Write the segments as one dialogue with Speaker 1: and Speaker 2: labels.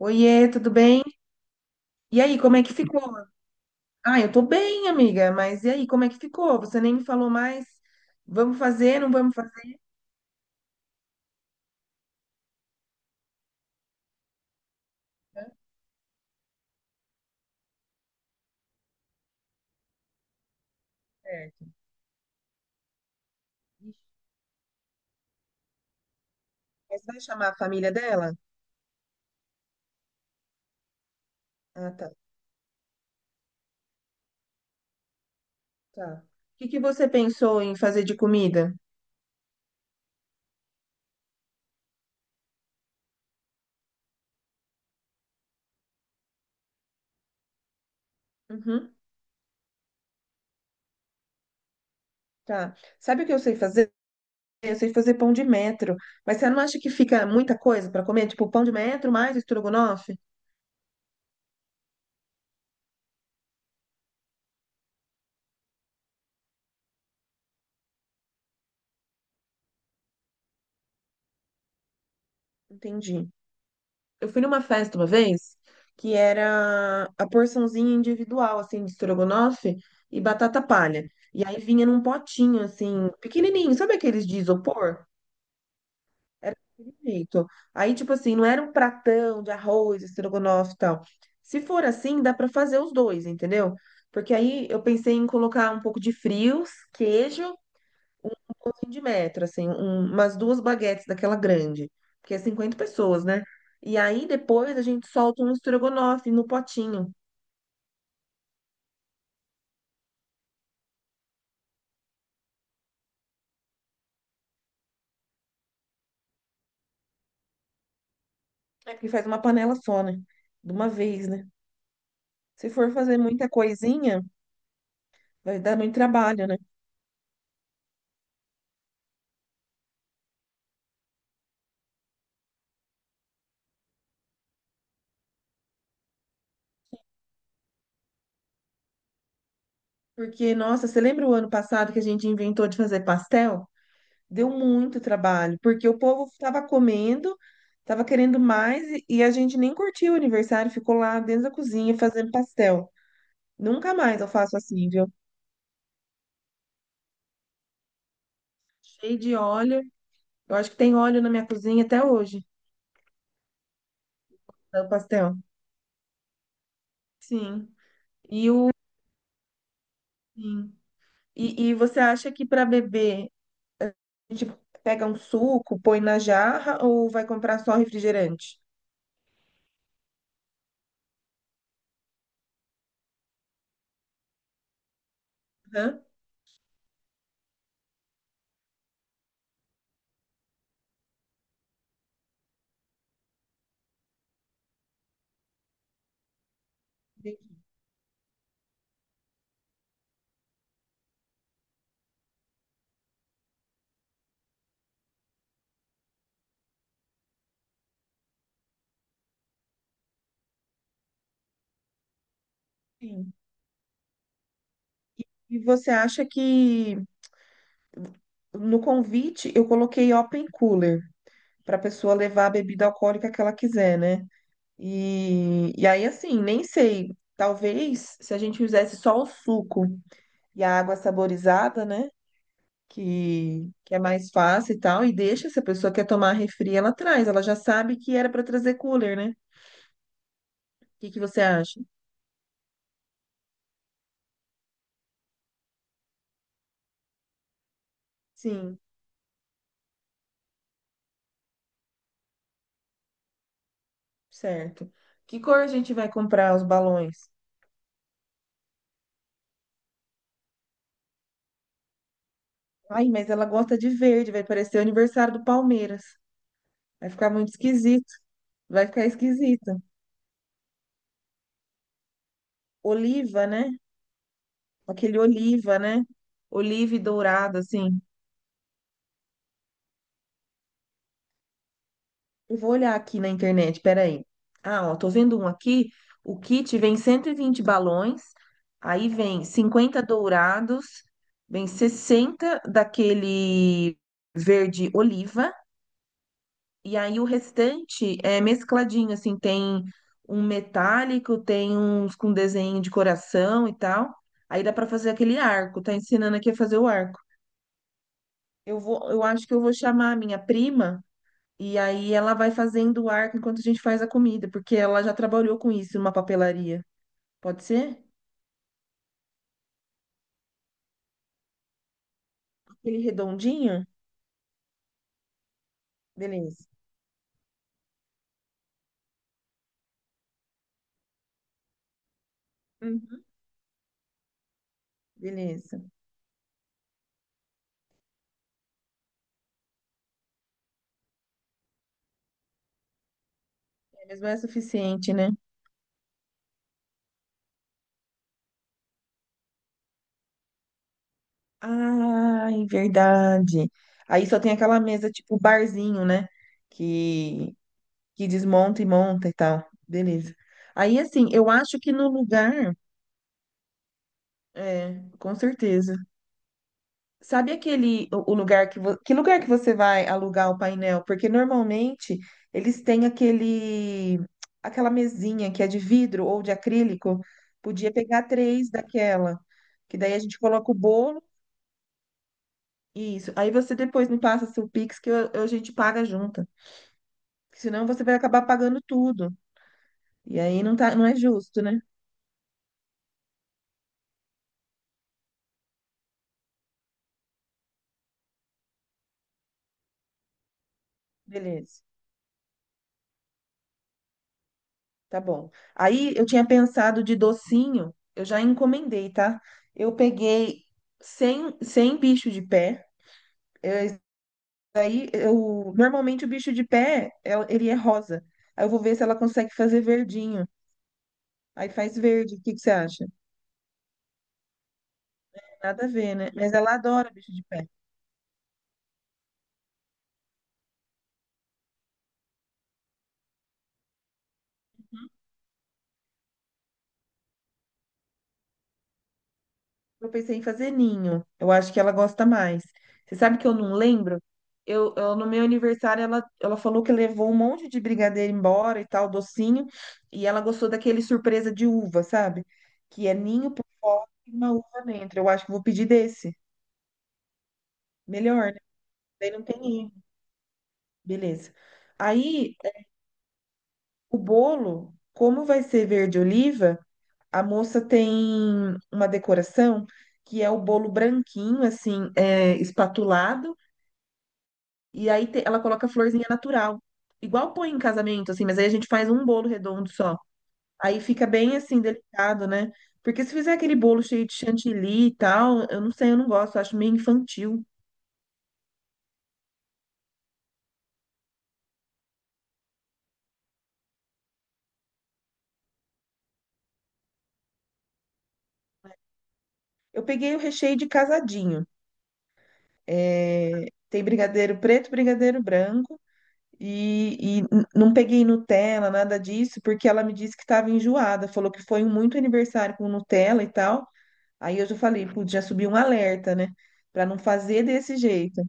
Speaker 1: Oiê, tudo bem? E aí, como é que ficou? Ah, eu tô bem, amiga, mas e aí, como é que ficou? Você nem me falou mais. Vamos fazer, não vamos fazer certo. Mas vai chamar a família dela? Ah, tá, tá. O que que você pensou em fazer de comida? Uhum, tá. Sabe o que eu sei fazer? Eu sei fazer pão de metro, mas você não acha que fica muita coisa pra comer? Tipo, pão de metro mais estrogonofe? Entendi. Eu fui numa festa uma vez que era a porçãozinha individual, assim, de estrogonofe e batata palha. E aí vinha num potinho, assim, pequenininho, sabe aqueles de isopor? Era daquele jeito. Aí, tipo assim, não era um pratão de arroz, estrogonofe e tal. Se for assim, dá pra fazer os dois, entendeu? Porque aí eu pensei em colocar um pouco de frios, queijo um pãozinho de metro, assim, umas duas baguetes daquela grande, porque é 50 pessoas, né? E aí depois a gente solta um estrogonofe no potinho. É porque faz uma panela só, né? De uma vez, né? Se for fazer muita coisinha, vai dar muito trabalho, né? Porque, nossa, você lembra o ano passado que a gente inventou de fazer pastel? Deu muito trabalho, porque o povo estava comendo, estava querendo mais e a gente nem curtiu o aniversário, ficou lá dentro da cozinha fazendo pastel. Nunca mais eu faço assim, viu? Cheio de óleo. Eu acho que tem óleo na minha cozinha até hoje, do pastel. Sim. E o sim. E você acha que para beber a gente pega um suco, põe na jarra ou vai comprar só refrigerante? Hã? Entendi. Sim. E você acha que no convite eu coloquei open cooler para a pessoa levar a bebida alcoólica que ela quiser, né? E aí, assim, nem sei. Talvez se a gente fizesse só o suco e a água saborizada, né? Que é mais fácil e tal, e deixa, se a pessoa quer tomar refri, ela traz, ela já sabe que era para trazer cooler, né? O que que você acha? Sim, certo. Que cor a gente vai comprar os balões? Ai, mas ela gosta de verde, vai parecer o aniversário do Palmeiras. Vai ficar muito esquisito, vai ficar esquisito. Oliva, né? Aquele oliva, né? Oliva e dourado, assim. Eu vou olhar aqui na internet, peraí. Ah, ó, tô vendo um aqui. O kit vem 120 balões, aí vem 50 dourados, vem 60 daquele verde oliva, e aí o restante é mescladinho, assim, tem um metálico, tem uns com desenho de coração e tal. Aí dá pra fazer aquele arco, tá ensinando aqui a fazer o arco. Eu acho que eu vou chamar a minha prima e aí ela vai fazendo o arco enquanto a gente faz a comida, porque ela já trabalhou com isso numa papelaria. Pode ser? Aquele redondinho? Beleza. Uhum. Beleza. É, mas não é suficiente, né? Ai, verdade. Aí só tem aquela mesa tipo barzinho, né? Que, que desmonta e monta e tal. Beleza. Aí, assim, eu acho que no lugar, é, com certeza. Sabe aquele o lugar que lugar que você vai alugar o painel? Porque normalmente eles têm aquele aquela mesinha que é de vidro ou de acrílico. Podia pegar três daquela, que daí a gente coloca o bolo e isso. Aí você depois me passa seu Pix que a gente paga junto. Senão você vai acabar pagando tudo. E aí não tá, não é justo, né? Beleza. Tá bom. Aí eu tinha pensado de docinho, eu já encomendei, tá? Eu peguei 100 bicho de pé. Aí eu normalmente o bicho de pé, ele é rosa. Aí eu vou ver se ela consegue fazer verdinho. Aí faz verde. O que que você acha? Nada a ver, né? Mas ela adora bicho de pé. Eu pensei em fazer ninho. Eu acho que ela gosta mais. Você sabe que eu não lembro? No meu aniversário, ela falou que levou um monte de brigadeiro embora e tal, docinho. E ela gostou daquele surpresa de uva, sabe? Que é ninho por fora e uma uva dentro. Eu acho que vou pedir desse. Melhor, né? Daí não tem ninho. Beleza. Aí, o bolo, como vai ser verde oliva, a moça tem uma decoração que é o bolo branquinho, assim, espatulado. E aí ela coloca florzinha natural. Igual põe em casamento, assim, mas aí a gente faz um bolo redondo só. Aí fica bem assim, delicado, né? Porque se fizer aquele bolo cheio de chantilly e tal, eu não sei, eu não gosto, eu acho meio infantil. Eu peguei o recheio de casadinho. É, tem brigadeiro preto, brigadeiro branco. E não peguei Nutella, nada disso, porque ela me disse que estava enjoada. Falou que foi um muito aniversário com Nutella e tal. Aí eu já falei, putz, já subiu um alerta, né? Pra não fazer desse jeito.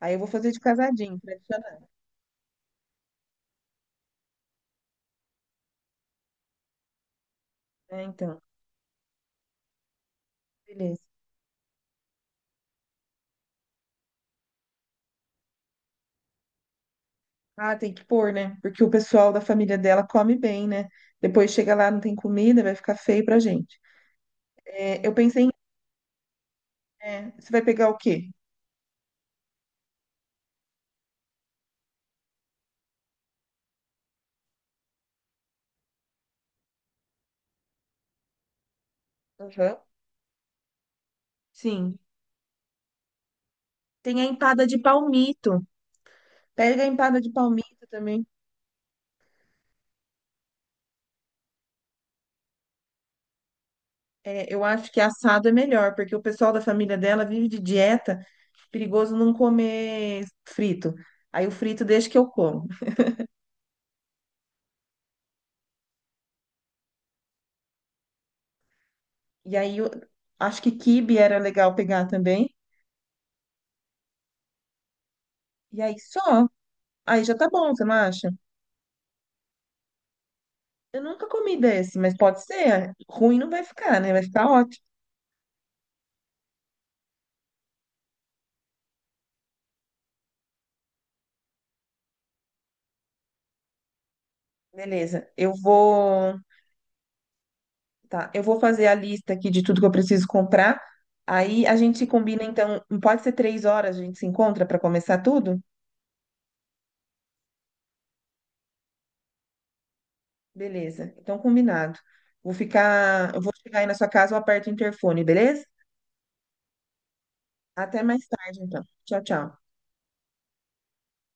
Speaker 1: Aí eu vou fazer de casadinho, tradicional, né? Então, beleza. Ah, tem que pôr, né? Porque o pessoal da família dela come bem, né? Depois chega lá, não tem comida, vai ficar feio pra gente. É, eu pensei em. É, você vai pegar o quê? Aham. Sim. Tem a empada de palmito. Pega a empada de palmito também. É, eu acho que assado é melhor, porque o pessoal da família dela vive de dieta, perigoso não comer frito. Aí o frito deixa que eu como. E aí eu acho que quibe era legal pegar também. E aí só. Aí já tá bom, você não acha? Eu nunca comi desse, mas pode ser. Ruim não vai ficar, né? Vai ficar ótimo. Beleza. Eu vou. Tá, eu vou fazer a lista aqui de tudo que eu preciso comprar. Aí a gente combina, então. Pode ser 3 horas, a gente se encontra para começar tudo? Beleza. Então, combinado. Vou ficar. Eu vou chegar aí na sua casa, eu aperto o interfone, beleza? Até mais tarde, então. Tchau, tchau.